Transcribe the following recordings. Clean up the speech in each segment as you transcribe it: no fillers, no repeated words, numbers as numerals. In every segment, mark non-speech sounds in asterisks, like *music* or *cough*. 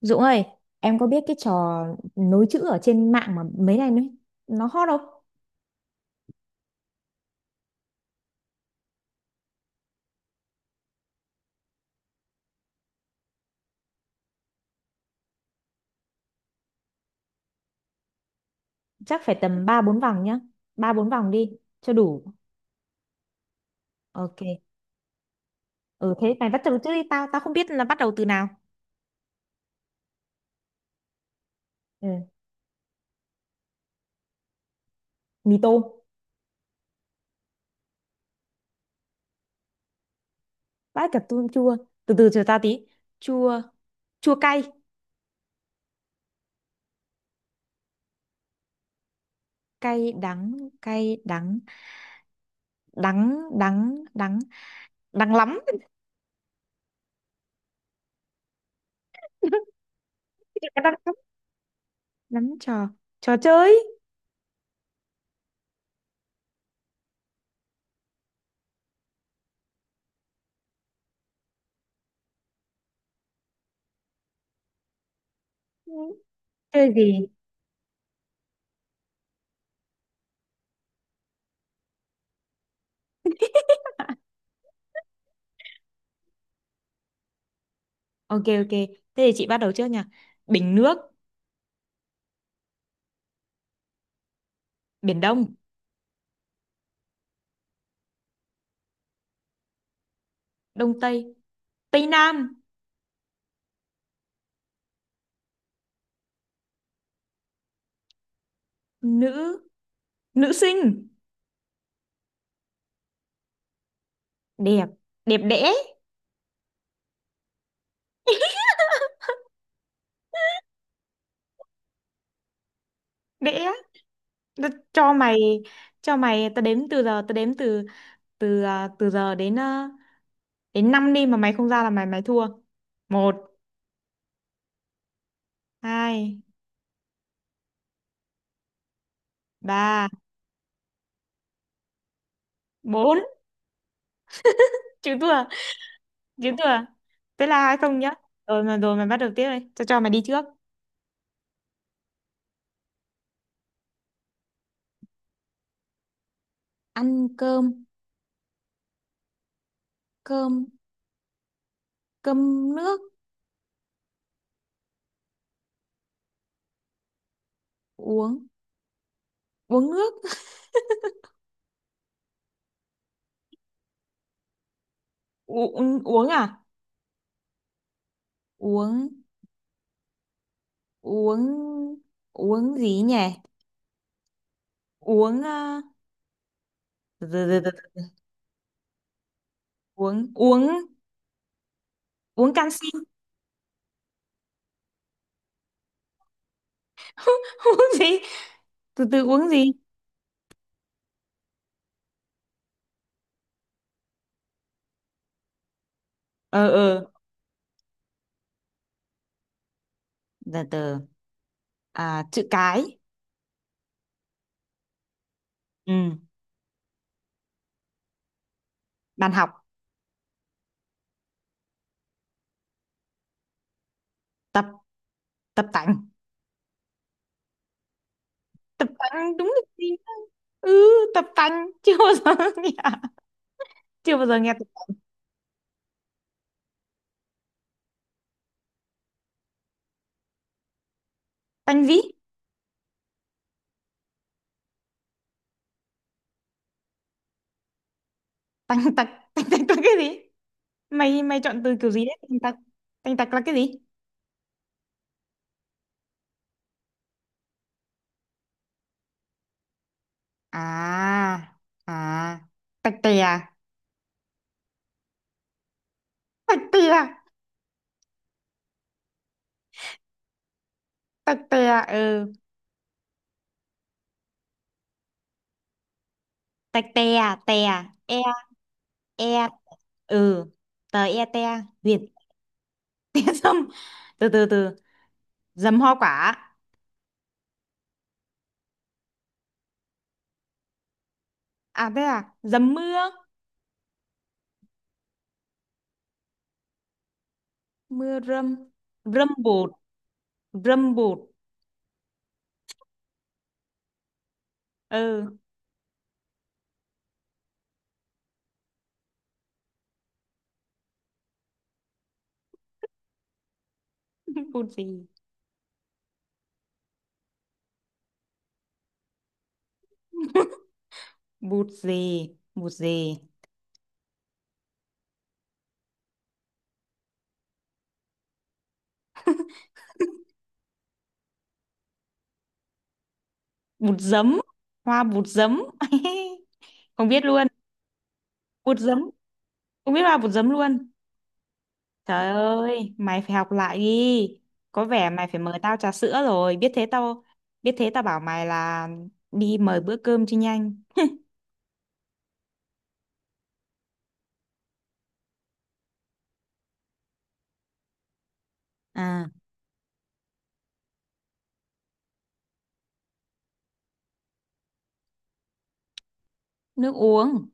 Dũng ơi, em có biết cái trò nối chữ ở trên mạng mà mấy này nó hot không? Chắc phải tầm 3 4 vòng nhá. Ba 4 vòng đi cho đủ. Ok. Ừ, thế mày bắt đầu trước đi tao không biết là bắt đầu từ nào. Ừ, mì tôm, bát cà tôm chua. Từ từ chờ tao tí. Chua, chua cay, cay đắng, cay đắng, đắng đắng đắng, đắng lắm. *laughs* Đắng lắm. Lắm trò, trò chơi. Ừ. Chơi gì? *laughs* Ok, ok, thế thì chị bắt đầu trước nha. Bình nước. Biển Đông, Đông Tây, Tây Nam, nữ, nữ sinh, đẹp, đẹp đẽ, đẽ. Đ- cho mày, tao đếm từ giờ, tao đếm từ từ à, từ giờ đến năm đi mà mày không ra là mày mày thua. Một, hai, ba, bốn, chữ thua, chữ thua. Thế là 2-0 nhá. Rồi mày bắt đầu tiếp đây, tao cho mày đi trước. Ăn cơm, cơm, cơm nước, uống, uống nước. *laughs* uống uống à? Uống uống uống gì nhỉ, uống từ từ từ từ từ. Uống uống uống canxi. *laughs* Uống gì, từ từ, uống gì ờ ờ từ từ. À, chữ cái. Ừ, bàn học tập. Tập tành, tập tành đúng là gì? Ừ, tập tành. *laughs* Chưa bao giờ *laughs* nghe, chưa bao giờ nghe tập tành gì. Tành tạch, tành tạch là cái gì? Mày mày chọn từ kiểu gì đấy tành tạch? Tành tạch là cái gì? À à tạch tè à? Tạch tè, tạch tè, ừ, tạch tè, tè, e, e, ừ, tờ e te việt. *laughs* Te dâm, từ từ từ, dầm hoa quả. À thế à, dầm mưa, mưa râm, râm bụt, râm bụt, ừ. *laughs* Bụt gì? *laughs* Bụt gì? Bụt gì? Bụt giấm, hoa bụt giấm. *laughs* Không biết luôn, bụt giấm, không biết hoa bụt giấm luôn. Trời ơi, mày phải học lại đi. Có vẻ mày phải mời tao trà sữa rồi. Biết thế tao bảo mày là đi mời bữa cơm cho nhanh. À, nước uống.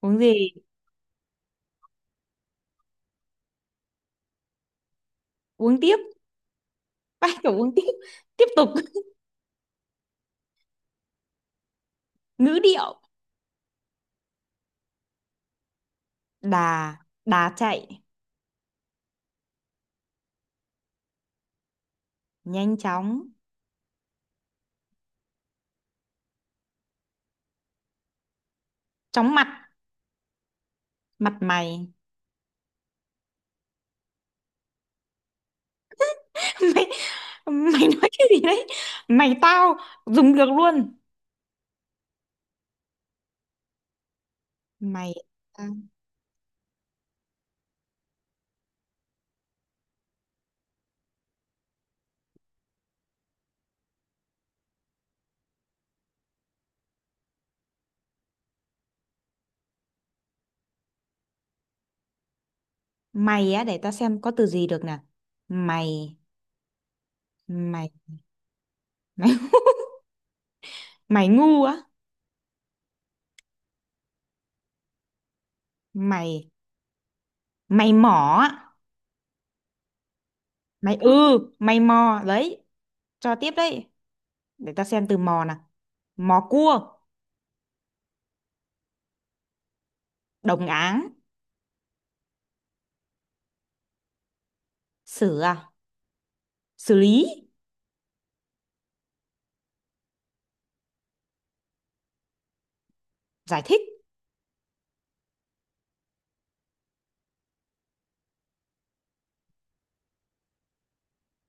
Uống gì? Uống tiếp. *laughs* Bắt đầu uống tiếp. Tiếp tục. Ngữ điệu. Đà, đà chạy. Nhanh chóng. Chóng mặt. Mặt mày. *laughs* Mày, mày nói cái gì đấy? Mày tao dùng được luôn. Mày, mày á, để tao xem có từ gì được nè. Mày, mày, mày. Mày ngu á. Mày mày mỏ á, mày ư, mày mò đấy, cho tiếp đấy, để ta xem từ mò nào. Mò cua, đồng áng, xử à, xử lý, giải thích.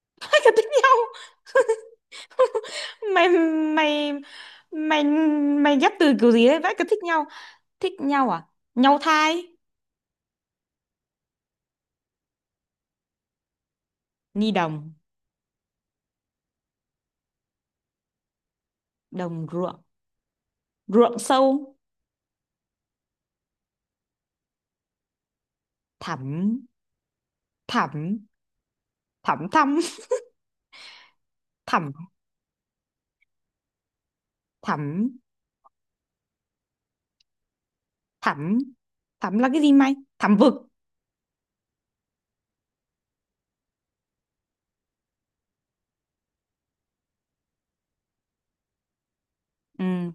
*laughs* Hai cái thích nhau. *laughs* mày mày mày mày ghép từ kiểu gì đấy, vãi cả thích nhau. Thích nhau à, nhau thai, ni đồng, đồng ruộng, ruộng sâu, thẳm, thẳm thẳm thăm. *laughs* Thẳm, thẳm, thẳm, thẳm là cái gì mày? Thẳm vực, ừ.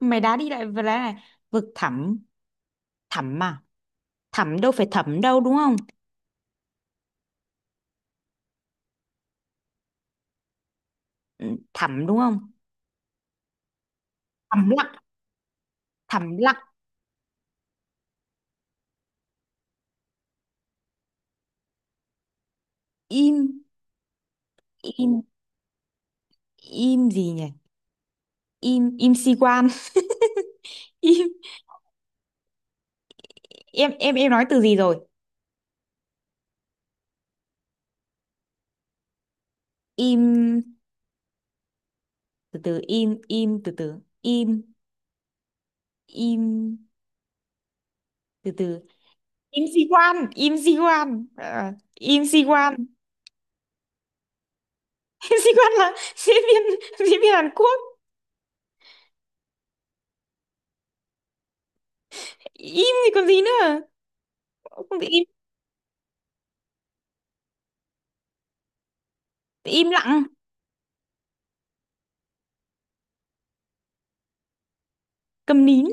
Mày đá đi lại vừa đá này, vực thẳm, thẳm à, thẳm đâu phải thẩm đâu đúng không? Ừ, thẳm đúng không? Thầm lặng, thầm lặng, im, im, im gì nhỉ? Im, im si quan. *laughs* Im, em nói từ gì rồi? Im, từ từ, im im, từ từ, im im, từ từ. Im si quan, im si quan. Ờ, im si quan. *laughs* Im si quan là diễn viên, diễn viên Hàn Quốc. Im thì còn gì nữa, không thì im. Im lặng, câm nín,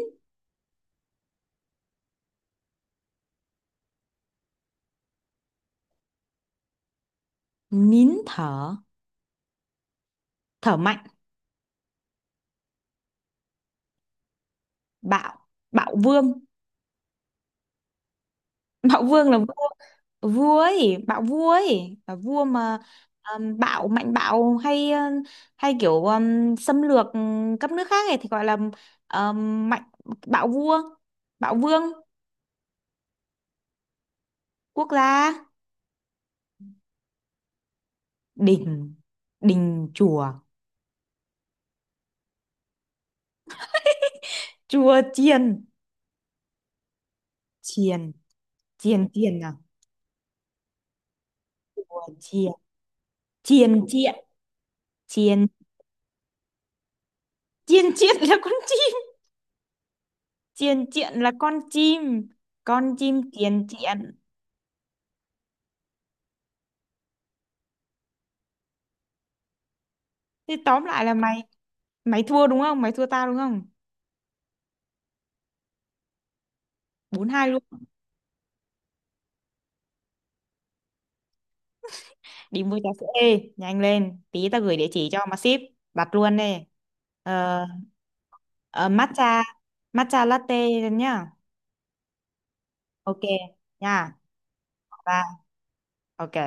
nín thở, thở mạnh, bạo, bạo vương. *laughs* Bạo vương là vua, vua ấy bạo, vua ấy là vua mà. Bạo mạnh bạo hay hay kiểu xâm lược các nước khác ấy thì gọi là mạnh. Bạo vua, bạo vương, quốc gia, đình, đình chùa, chùa chiền, chiền, chiền, chiền à, chùa chiền, chiền chiện, chiền, chiên chiết là con chim, chiên chiện là con chim, con chim chiên chiện. Thế tóm lại là mày, mày thua đúng không, mày thua tao đúng không? 4-2 luôn. Đi mua trà sữa, ê, nhanh lên tí, tao gửi địa chỉ cho mà ship, đặt luôn đi. ờ, ờ, Matcha, matcha latte nhá. Ok. Nha. Ba. Ok.